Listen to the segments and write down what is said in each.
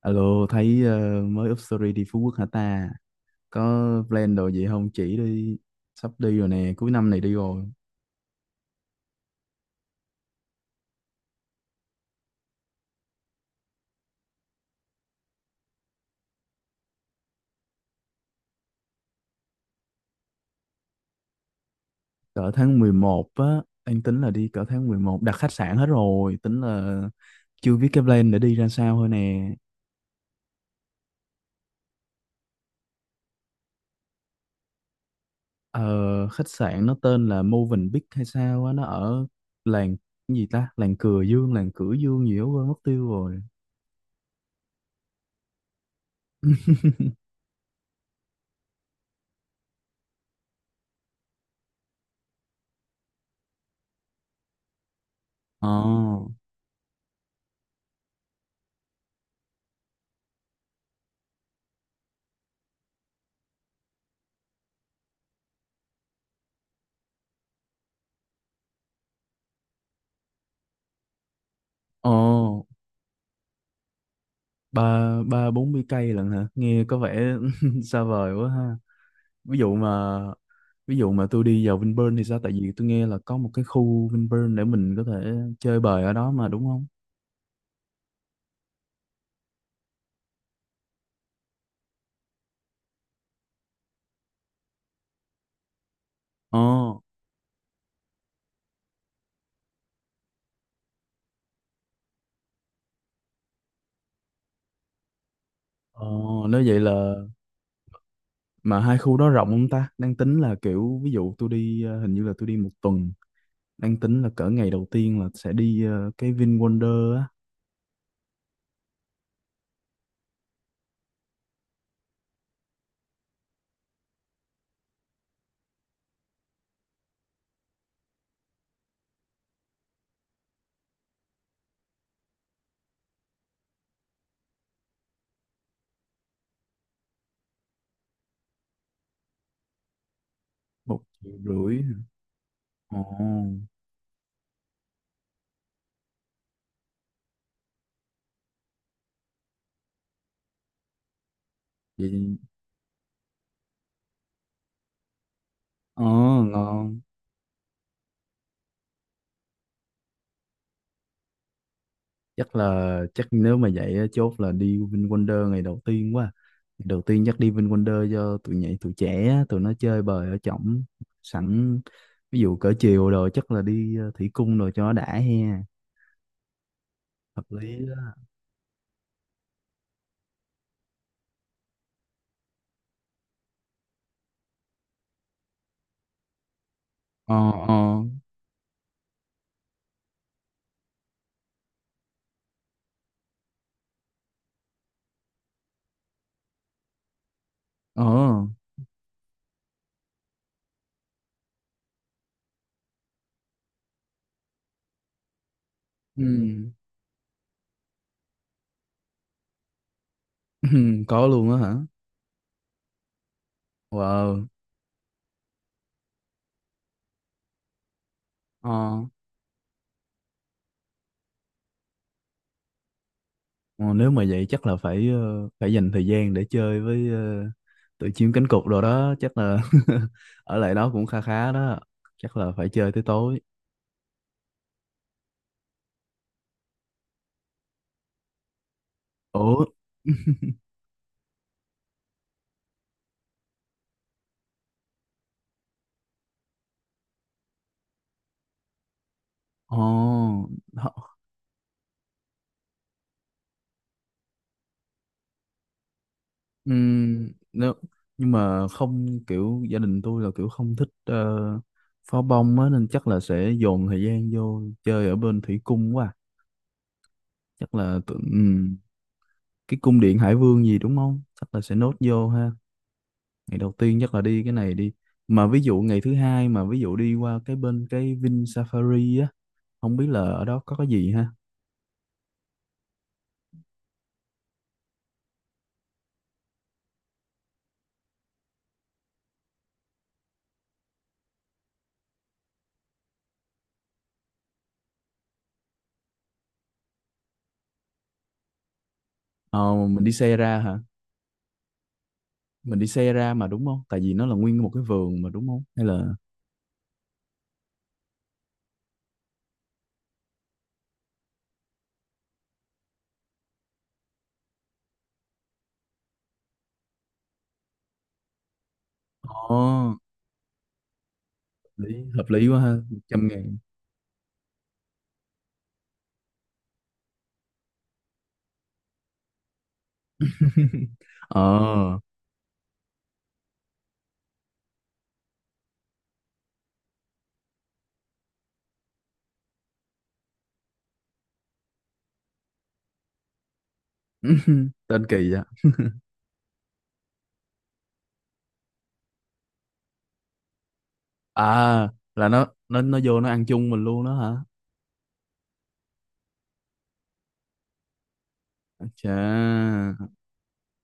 Alo, thấy mới up story đi Phú Quốc hả ta? Có plan đồ gì không? Chỉ đi, sắp đi rồi nè, cuối năm này đi rồi. Cỡ tháng 11 á, anh tính là đi cỡ tháng 11, đặt khách sạn hết rồi, tính là chưa biết cái plan để đi ra sao thôi nè. Ờ, Khách sạn nó tên là Movenpick hay sao á, nó ở làng cái gì ta? Làng Cửa Dương gì đó quên mất tiêu rồi. Ồ, ồ, ba ba bốn mươi cây lận hả? Nghe có vẻ xa vời quá ha. ví dụ mà ví dụ mà tôi đi vào Vinpearl thì sao, tại vì tôi nghe là có một cái khu Vinpearl để mình có thể chơi bời ở đó mà, đúng không? ờ ờ Nếu vậy là. Mà hai khu đó rộng không ta, đang tính là kiểu ví dụ tôi đi, hình như là tôi đi một tuần, đang tính là cỡ ngày đầu tiên là sẽ đi cái Vin Wonder á. 1,5 triệu. Ồ vậy. ờ Ngon. Chắc nếu mà vậy á, chốt là đi VinWonder ngày đầu tiên quá. Ngày đầu tiên chắc đi VinWonder cho tụi nhảy tụi trẻ á, tụi nó chơi bời ở trỏng sẵn. Ví dụ cỡ chiều rồi chắc là đi thủy cung rồi cho nó đã he. Hợp lý đó. Ờ, ờ, ờ, ừ. Có luôn á hả? Wow. Ờ. Ờ, nếu mà vậy chắc là phải, phải dành thời gian để chơi với, tụi chim cánh cụt rồi đó chắc là. Ở lại đó cũng kha khá đó, chắc là phải chơi tới tối. Ủa. Ồ. họ- nếu Nhưng mà không, kiểu gia đình tôi là kiểu không thích pháo bông á, nên chắc là sẽ dồn thời gian vô chơi ở bên thủy cung quá. À. Chắc là cái cung điện Hải Vương gì đúng không? Chắc là sẽ nốt vô ha. Ngày đầu tiên chắc là đi cái này đi. Mà ví dụ ngày thứ hai mà ví dụ đi qua cái bên cái Vin Safari á, không biết là ở đó có cái gì ha. Ờ, mình đi xe ra hả? Mình đi xe ra mà đúng không? Tại vì nó là nguyên một cái vườn mà đúng không? Hay là. Ồ, hợp lý quá ha, trăm ngàn. Ờ, tên kỳ vậy. À, là nó vô nó ăn chung mình luôn đó hả? Chà,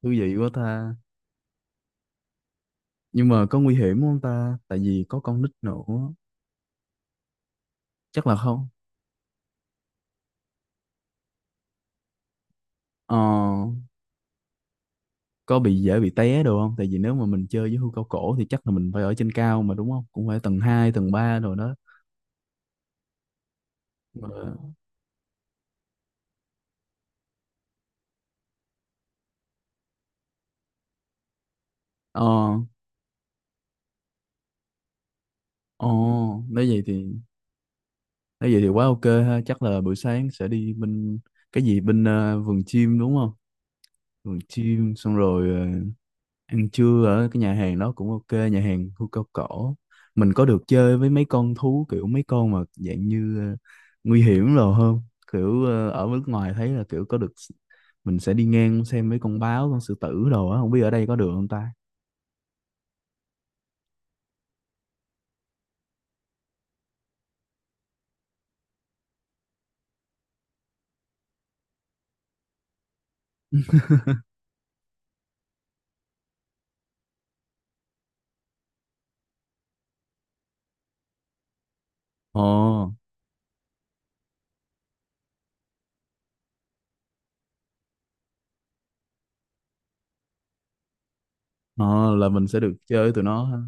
thú vị quá ta. Nhưng mà có nguy hiểm không ta? Tại vì có con nít nữa. Chắc là không. Ờ, có bị dễ bị té đồ không? Tại vì nếu mà mình chơi với hươu cao cổ thì chắc là mình phải ở trên cao mà đúng không? Cũng phải tầng 2 tầng 3 rồi đó. Mà-. Ờ, ờ. Nếu vậy thì. Nói vậy thì quá ok ha, chắc là buổi sáng sẽ đi bên cái gì bên, vườn chim đúng không? Vườn chim xong rồi ăn trưa ở cái nhà hàng đó cũng ok, nhà hàng khu cao cổ. Mình có được chơi với mấy con thú kiểu mấy con mà dạng như, nguy hiểm rồi không? Kiểu ở nước ngoài thấy là kiểu có được, mình sẽ đi ngang xem mấy con báo, con sư tử đồ á, không biết ở đây có được không ta? Ồ, ồ, là mình sẽ được chơi tụi nó ha.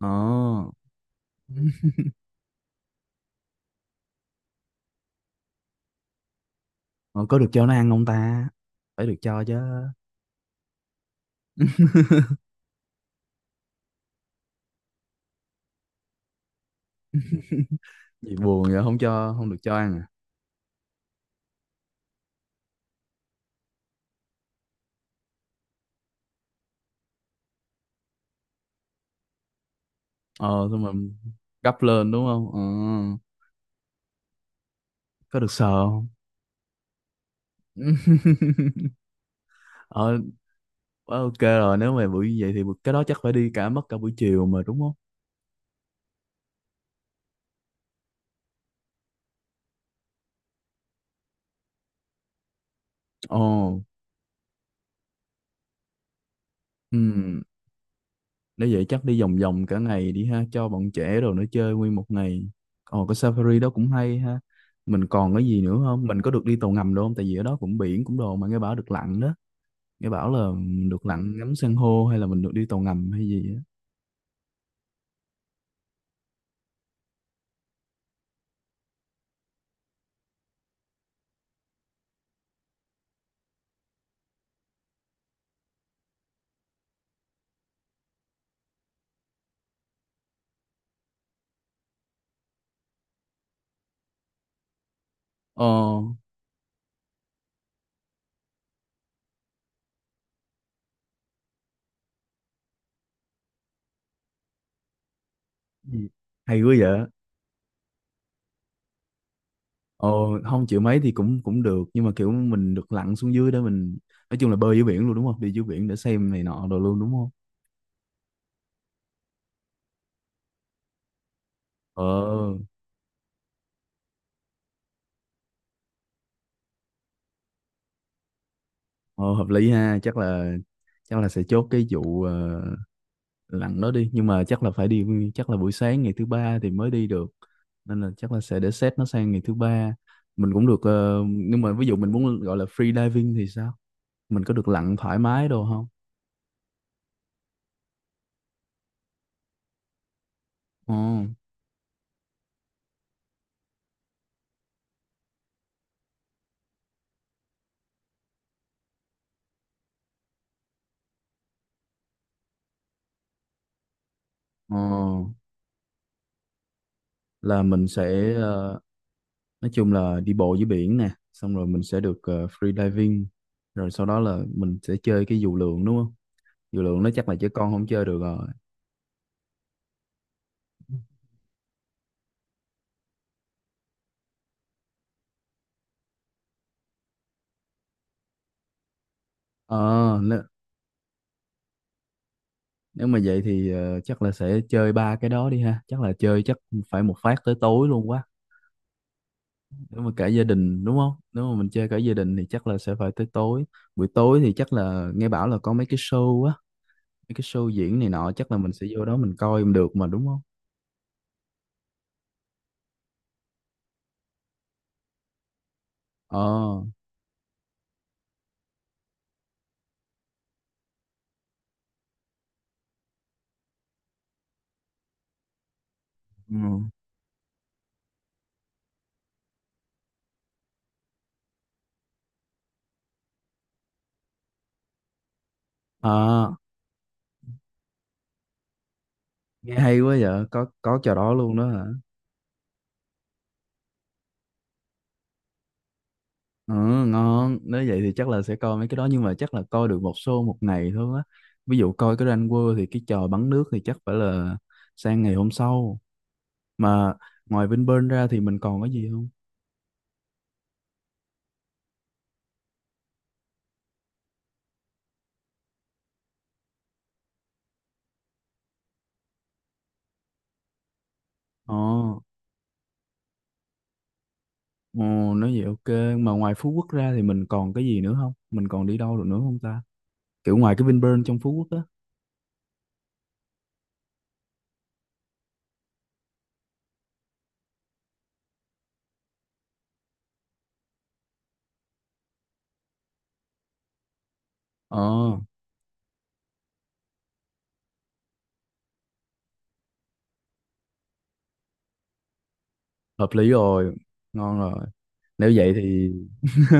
Ồ, ồ, có được cho nó ăn không ta? Phải được cho chứ. Gì buồn vậy không cho không được cho ăn à? Ờ, xong rồi gấp lên đúng không? Ờ. Có được sờ không? Ờ, quá ok rồi, nếu mà buổi như vậy thì cái đó chắc phải đi cả buổi chiều mà đúng không? Ồ. ừm, Nếu vậy chắc đi vòng vòng cả ngày đi ha cho bọn trẻ rồi nó chơi nguyên một ngày. Ồ, cái safari đó cũng hay ha. Mình còn cái gì nữa không? Mình có được đi tàu ngầm đâu không? Tại vì ở đó cũng biển cũng đồ mà nghe bảo được lặn đó. Nghe bảo là được lặn ngắm san hô hay là mình được đi tàu ngầm hay gì á. Ờ, gì? Hay quá vậy. Ồ, không chịu mấy thì cũng cũng được, nhưng mà kiểu mình được lặn xuống dưới đó, mình nói chung là bơi dưới biển luôn đúng không, đi dưới biển để xem này nọ đồ luôn đúng không? ờ ờ, Hợp lý ha, chắc là sẽ chốt cái vụ, lặn đó đi, nhưng mà chắc là phải đi, chắc là buổi sáng ngày thứ ba thì mới đi được, nên là chắc là sẽ để set nó sang ngày thứ ba. Mình cũng được, nhưng mà ví dụ mình muốn gọi là free diving thì sao, mình có được lặn thoải mái đồ không? Ồ. ờ là mình sẽ, nói chung là đi bộ dưới biển nè, xong rồi mình sẽ được, free diving, rồi sau đó là mình sẽ chơi cái dù lượn đúng không? Dù lượn nó chắc là trẻ con không chơi được rồi. ờ nếu, Nếu mà vậy thì, chắc là sẽ chơi ba cái đó đi ha, chắc là chơi chắc phải một phát tới tối luôn quá. Nếu mà cả gia đình đúng không, nếu mà mình chơi cả gia đình thì chắc là sẽ phải tới tối. Buổi tối thì chắc là, nghe bảo là có mấy cái show á, mấy cái show diễn này nọ chắc là mình sẽ vô đó mình coi được mà đúng không? ờ ừ. À, nghe hay quá vậy, có trò đó luôn đó hả? Ừ, ngon. Nếu vậy thì chắc là sẽ coi mấy cái đó, nhưng mà chắc là coi được một show một ngày thôi á. Ví dụ coi cái Ranh World thì cái trò bắn nước thì chắc phải là sang ngày hôm sau. Mà ngoài Vinpearl ra thì mình còn cái gì không? Ồ, ồ, nói vậy ok. Mà ngoài Phú Quốc ra thì mình còn cái gì nữa không, mình còn đi đâu được nữa không ta, kiểu ngoài cái Vinpearl trong Phú Quốc á? Ờ. Hợp lý rồi, ngon rồi. Nếu vậy thì.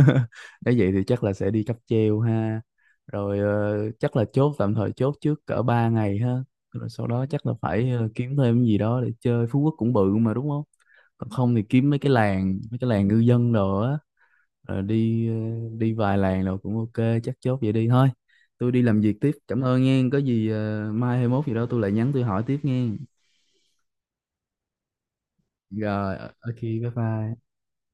Nếu vậy thì chắc là sẽ đi cáp treo ha. Rồi chắc là chốt tạm thời, chốt trước cỡ 3 ngày ha. Rồi sau đó chắc là phải, kiếm thêm cái gì đó để chơi. Phú Quốc cũng bự mà đúng không? Còn không thì kiếm mấy cái làng ngư dân đồ á. Rồi đi vài làng rồi cũng ok, chắc chốt vậy đi thôi. Tôi đi làm việc tiếp. Cảm ơn nghe. Có gì mai hay mốt gì đó tôi lại nhắn tôi hỏi tiếp nghe. Rồi, ok, bye bye.